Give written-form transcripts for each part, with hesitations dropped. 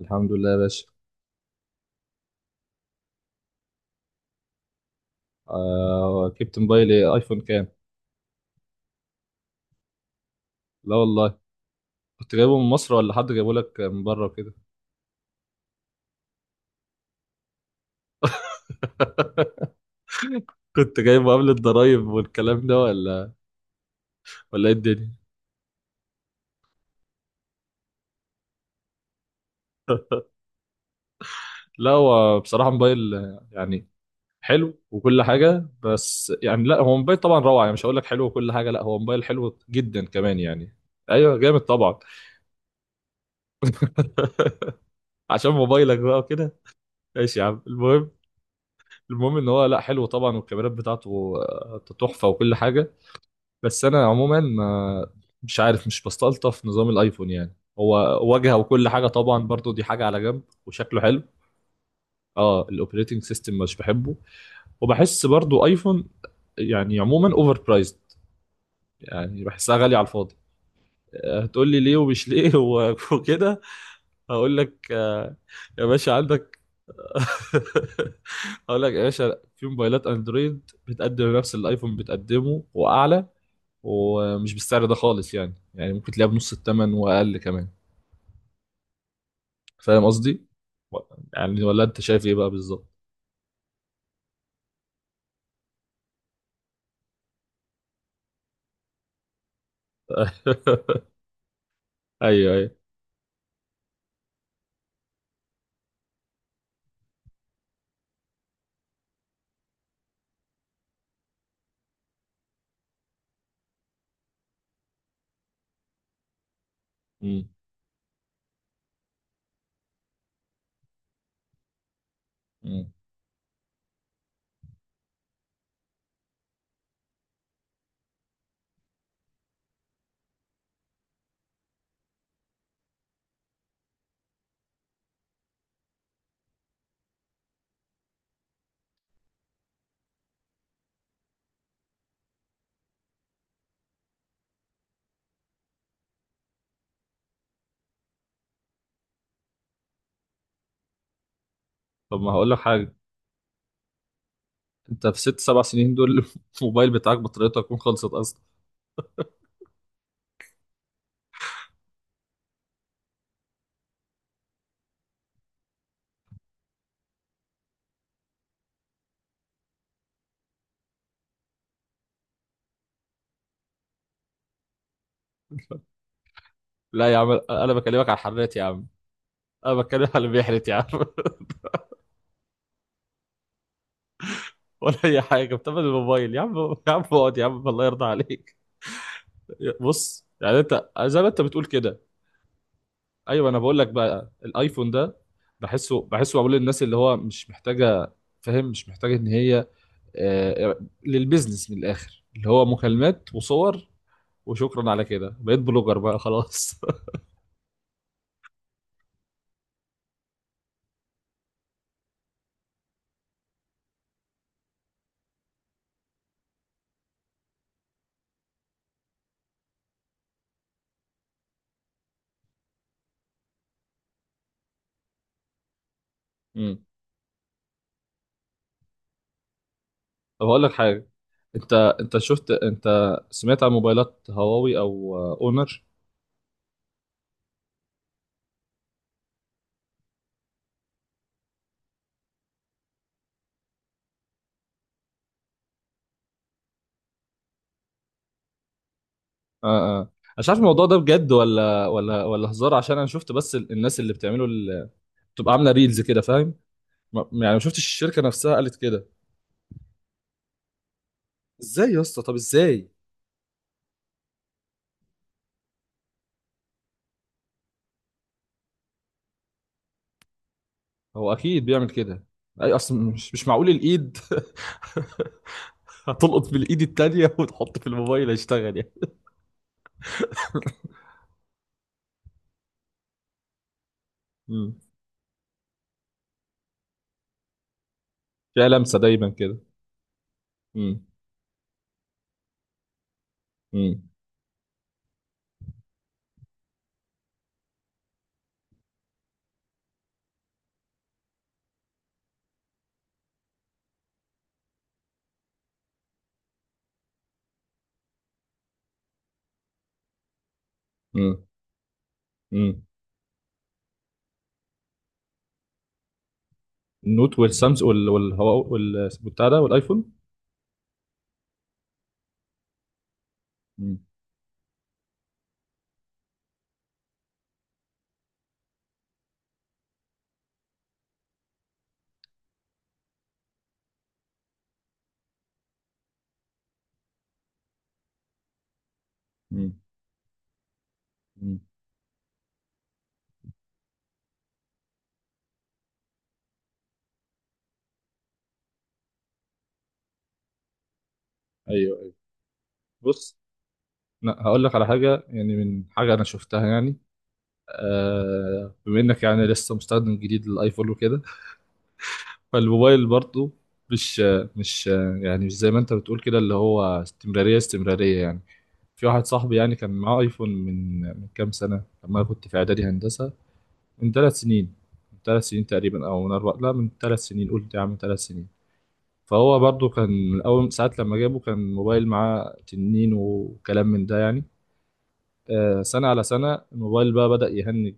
الحمد لله يا باشا. آه، جبت موبايل ايه؟ ايفون كام؟ لا والله، كنت جايبه من مصر ولا حد جايبه لك من بره وكده؟ كنت جايبه قبل الضرايب والكلام ده ولا ايه الدنيا؟ لا هو بصراحه موبايل يعني حلو وكل حاجه، بس يعني لا هو موبايل طبعا روعه، يعني مش هقول لك حلو وكل حاجه، لا هو موبايل حلو جدا كمان يعني. ايوه جامد طبعا. عشان موبايلك بقى وكده. ماشي يا عم، المهم. المهم ان هو، لا، حلو طبعا، والكاميرات بتاعته تحفه وكل حاجه. بس انا عموما ما مش عارف، مش بستلطف نظام الايفون، يعني هو واجهه وكل حاجه طبعا، برضو دي حاجه على جنب، وشكله حلو. اه، الاوبريتنج سيستم مش بحبه، وبحس برضو ايفون يعني عموما اوفر برايزد، يعني بحسها غاليه على الفاضي. هتقول لي ليه ومش ليه وكده. هقول لك يا باشا، عندك. هقول لك يا باشا، في موبايلات اندرويد بتقدم نفس اللي الايفون بتقدمه واعلى، ومش بالسعر ده خالص، يعني يعني ممكن تلاقيها بنص الثمن واقل كمان. فاهم قصدي؟ و- يعني ولا انت شايف ايه بقى بالظبط؟ ايوه ايوه. مم. مم. طب ما هقول لك حاجه، انت في 6 7 سنين دول الموبايل بتاعك بطاريته هتكون خلصت اصلا. لا يا عم، انا بكلمك على الحرات يا عم. انا بتكلم على اللي بيحرت يا عم. ولا اي حاجه بتعمل الموبايل يا عم. يا عم اقعد يا عم، الله يرضى عليك. بص، يعني انت زي ما انت بتقول كده. ايوه، انا بقول لك بقى الايفون ده بحسه، بحسه معمول للناس اللي هو مش محتاجه. فاهم؟ مش محتاجه ان هي آه، للبيزنس من الاخر، اللي هو مكالمات وصور، وشكرا على كده، بقيت بلوجر بقى خلاص. امم. طب هقول لك حاجه. انت، انت شفت، انت سمعت عن موبايلات هواوي او اونر؟ اه اه. مش عارف الموضوع ده بجد ولا ولا هزار، عشان انا شفت بس الناس اللي بتعمله بتبقى عامله ريلز كده، فاهم؟ يعني ما شفتش الشركه نفسها قالت كده. ازاي يا اسطى؟ طب ازاي؟ هو اكيد بيعمل كده. اي اصل مش معقول الايد هتلقط بالايد التانية وتحط في الموبايل هيشتغل يعني. مم. فيها لمسة دايما كده. مم. مم. مم. مم. النوت والسامس وال وال وال بتاع ده والايفون. مم. مم. مم. ايوه ايوه. بص، لا هقول لك على حاجة، يعني من حاجة انا شفتها يعني. آه، بما انك يعني لسه مستخدم جديد للايفون وكده، فالموبايل برضه مش مش يعني مش زي ما انت بتقول كده، اللي هو استمرارية استمرارية يعني. في واحد صاحبي يعني كان معاه ايفون من كام سنة، لما أنا كنت في اعدادي هندسة. من 3 سنين، من 3 سنين تقريبا او من اربع، لا من 3 سنين، قلت يا عم 3 سنين. فهو برضه كان من اول ساعة لما جابه كان موبايل معاه تنين وكلام من ده يعني. سنة على سنة الموبايل بقى بدأ يهنج.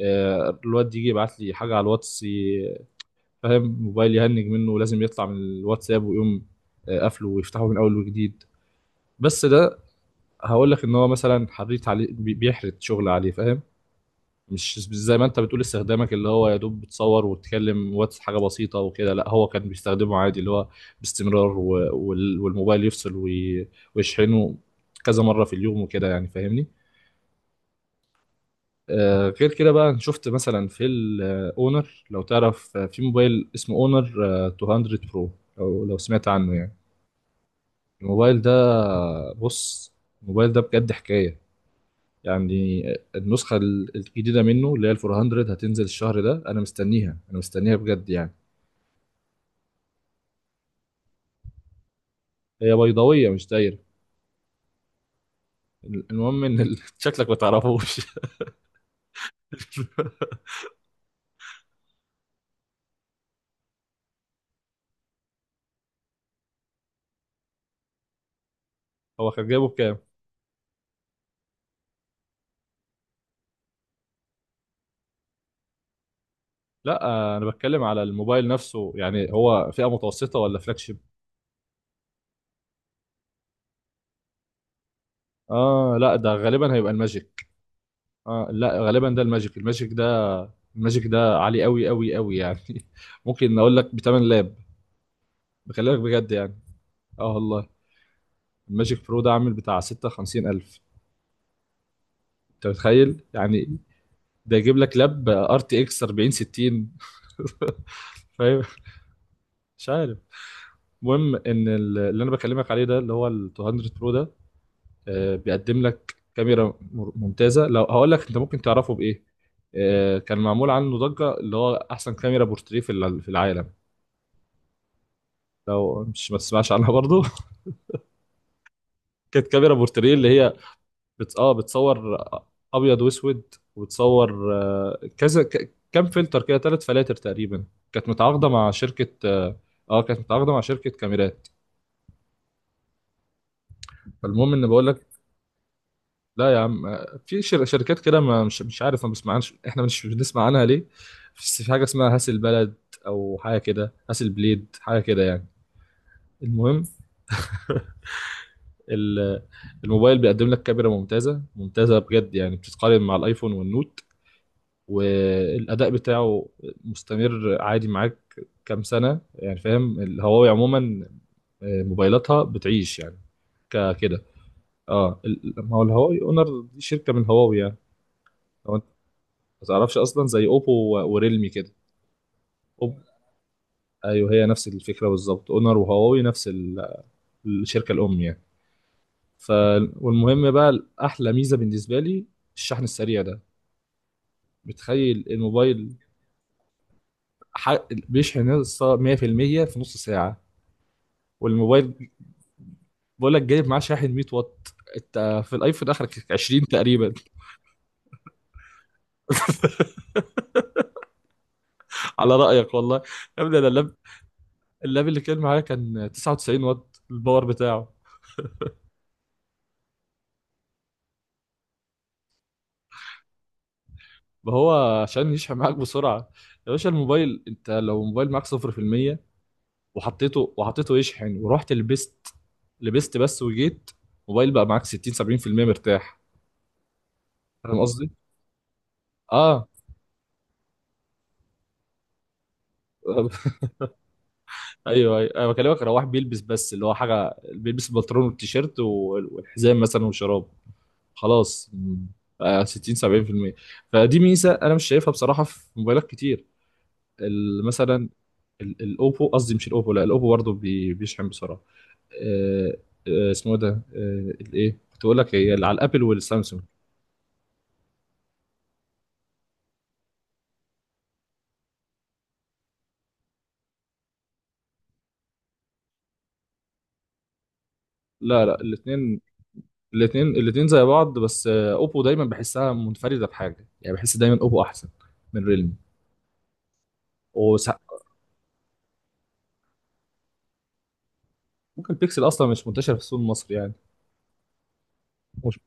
الواد يجي يبعت لي حاجة على الواتس، فاهم، موبايل يهنج منه ولازم يطلع من الواتساب ويقوم قافله ويفتحه من اول وجديد. بس ده، هقول لك ان هو مثلا حريت عليه، بيحرت شغل عليه، فاهم؟ مش زي ما انت بتقول استخدامك اللي هو يا دوب بتصور وتتكلم واتس، حاجه بسيطه وكده. لا، هو كان بيستخدمه عادي، اللي هو باستمرار، والموبايل يفصل، ويشحنه كذا مره في اليوم وكده يعني، فاهمني؟ آه، غير كده بقى، أنا شفت مثلا في الاونر، لو تعرف في موبايل اسمه اونر 200 برو، لو سمعت عنه يعني. الموبايل ده، بص، الموبايل ده بجد حكاية يعني. النسخة الجديدة منه اللي هي ال 400 هتنزل الشهر ده، أنا مستنيها، أنا مستنيها بجد يعني. هي بيضاوية مش دايرة. المهم إن شكلك ما تعرفوش. هو كان جايبه بكام؟ لا أنا بتكلم على الموبايل نفسه، يعني هو فئة متوسطة ولا فلاج شيب؟ آه لا، ده غالبا هيبقى الماجيك. آه لا غالبا ده الماجيك، الماجيك ده، الماجيك ده عالي أوي أوي أوي يعني. ممكن أقول لك بتمن لاب، بكلمك بجد يعني. اه والله، الماجيك برو ده عامل بتاع 56 ألف. انت متخيل يعني؟ ده يجيب لك لاب ار تي اكس 40 60. فاهم؟ مش عارف. المهم ان اللي انا بكلمك عليه ده، اللي هو ال 200 برو ده، بيقدم لك كاميرا ممتازه. لو هقول لك انت ممكن تعرفه بايه، كان معمول عنه ضجه، اللي هو احسن كاميرا بورتريه في في العالم. لو مش ما تسمعش عنها برضه. كانت كاميرا بورتريه اللي هي اه بتصور ابيض واسود، وبتصور كذا كام فلتر كده، 3 فلاتر تقريبا. كانت متعاقده مع شركه، اه كانت متعاقده مع شركه كاميرات. فالمهم ان، بقول لك، لا يا عم في شركات كده، ما مش مش عارف، ما بسمعناش احنا، مش بنسمع عنها ليه. بس في حاجه اسمها هاسل بلد او حاجه كده، هاسل بليد، حاجه كده يعني. المهم. ال- الموبايل بيقدم لك كاميرا ممتازه ممتازه بجد يعني، بتتقارن مع الايفون والنوت. والاداء بتاعه مستمر عادي معاك كام سنه يعني، فاهم؟ الهواوي عموما موبايلاتها بتعيش يعني كده. اه ما هو الهواوي اونر دي شركه من هواوي يعني. لو انت ما تعرفش، اصلا زي اوبو وريلمي كده. أوب... ايوه، هي نفس الفكره بالظبط، اونر وهواوي نفس الشركه الام يعني. ف، والمهم بقى، احلى ميزه بالنسبه لي الشحن السريع ده. بتخيل الموبايل ح... بيشحن 100% في المية في نص ساعه. والموبايل، بقول لك جايب معاه شاحن 100 واط، انت في الايفون اخرك 20 تقريبا. على رايك والله. يا ابني انا اللاب، اللاب اللي كان معايا كان 99 واط الباور بتاعه. ما هو عشان يشحن معاك بسرعه، يا باشا الموبايل، انت لو موبايل معاك 0% وحطيته، يشحن ورحت لبست، لبست بس وجيت، موبايل بقى معاك 60 70% مرتاح. فاهم قصدي؟ اه. ايوه ايوه، انا بكلمك لو واحد بيلبس بس، اللي هو حاجه بيلبس البنطلون والتيشيرت والحزام مثلا وشراب، خلاص م، 60 70%. فدي ميزه انا مش شايفها بصراحه في موبايلات كتير. مثلا الاوبو، قصدي مش الاوبو، لا الاوبو برضه بيشحن بسرعه. آه، اسمه إيه ده؟ الايه كنت اقول لك، هي اللي على الابل والسامسونج. لا لا، الاثنين، الاثنين الاثنين زي بعض، بس اوبو دايما بحسها منفرده بحاجه، يعني بحس دايما اوبو احسن من ريلمي. وسا- ممكن البيكسل اصلا مش منتشر في السوق المصري يعني. مش،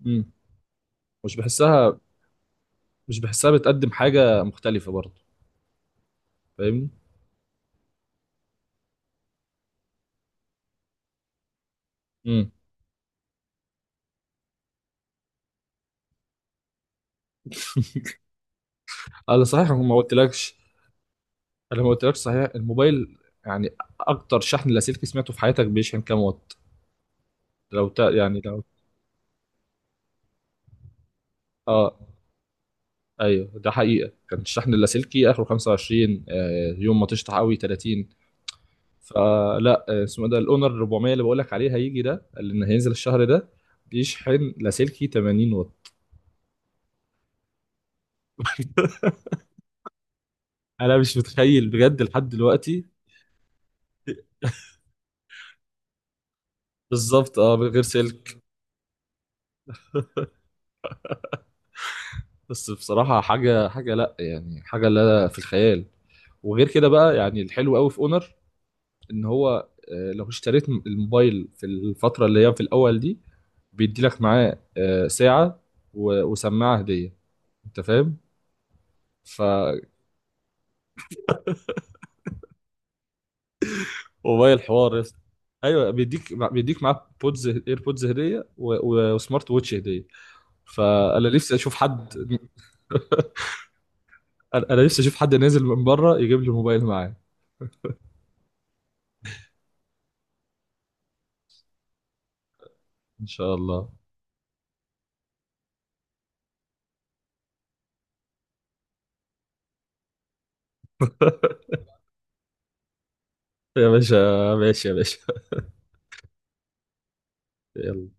مم. مش بحسها، مش بحسها بتقدم حاجه مختلفه برضه، فاهمني؟ امم. انا صحيح ما قلتلكش، انا ما قلتلكش صحيح الموبايل يعني اكتر شحن لاسلكي سمعته في حياتك بيشحن كام وات؟ لو تا يعني لو، اه ايوه، ده حقيقه كان الشحن اللاسلكي اخره 25، آه يوم ما تشطح قوي 30. فلا اسمه إيه ده، الاونر 400، اللي بقول لك عليه هيجي، ده اللي إن هينزل الشهر ده، بيشحن لاسلكي 80 وات. انا مش متخيل بجد لحد دلوقتي. بالظبط، اه، من غير سلك. بس بصراحة حاجة، حاجة لا يعني، حاجة لا في الخيال. وغير كده بقى، يعني الحلو قوي في اونر ان هو لو اشتريت الموبايل في الفترة اللي هي في الاول دي، بيدي لك معاه ساعة وسماعة هدية، انت فاهم؟ ف، موبايل حوار يا اسطى. ايوه، بيديك، بيديك معاه بودز، ايربودز هدية، وسمارت ووتش هدية. فانا نفسي اشوف حد انا، أنا نفسي اشوف حد نازل من بره يجيب لي موبايل معاه. ان شاء الله. يا باشا، ماشي يا باشا. يلا.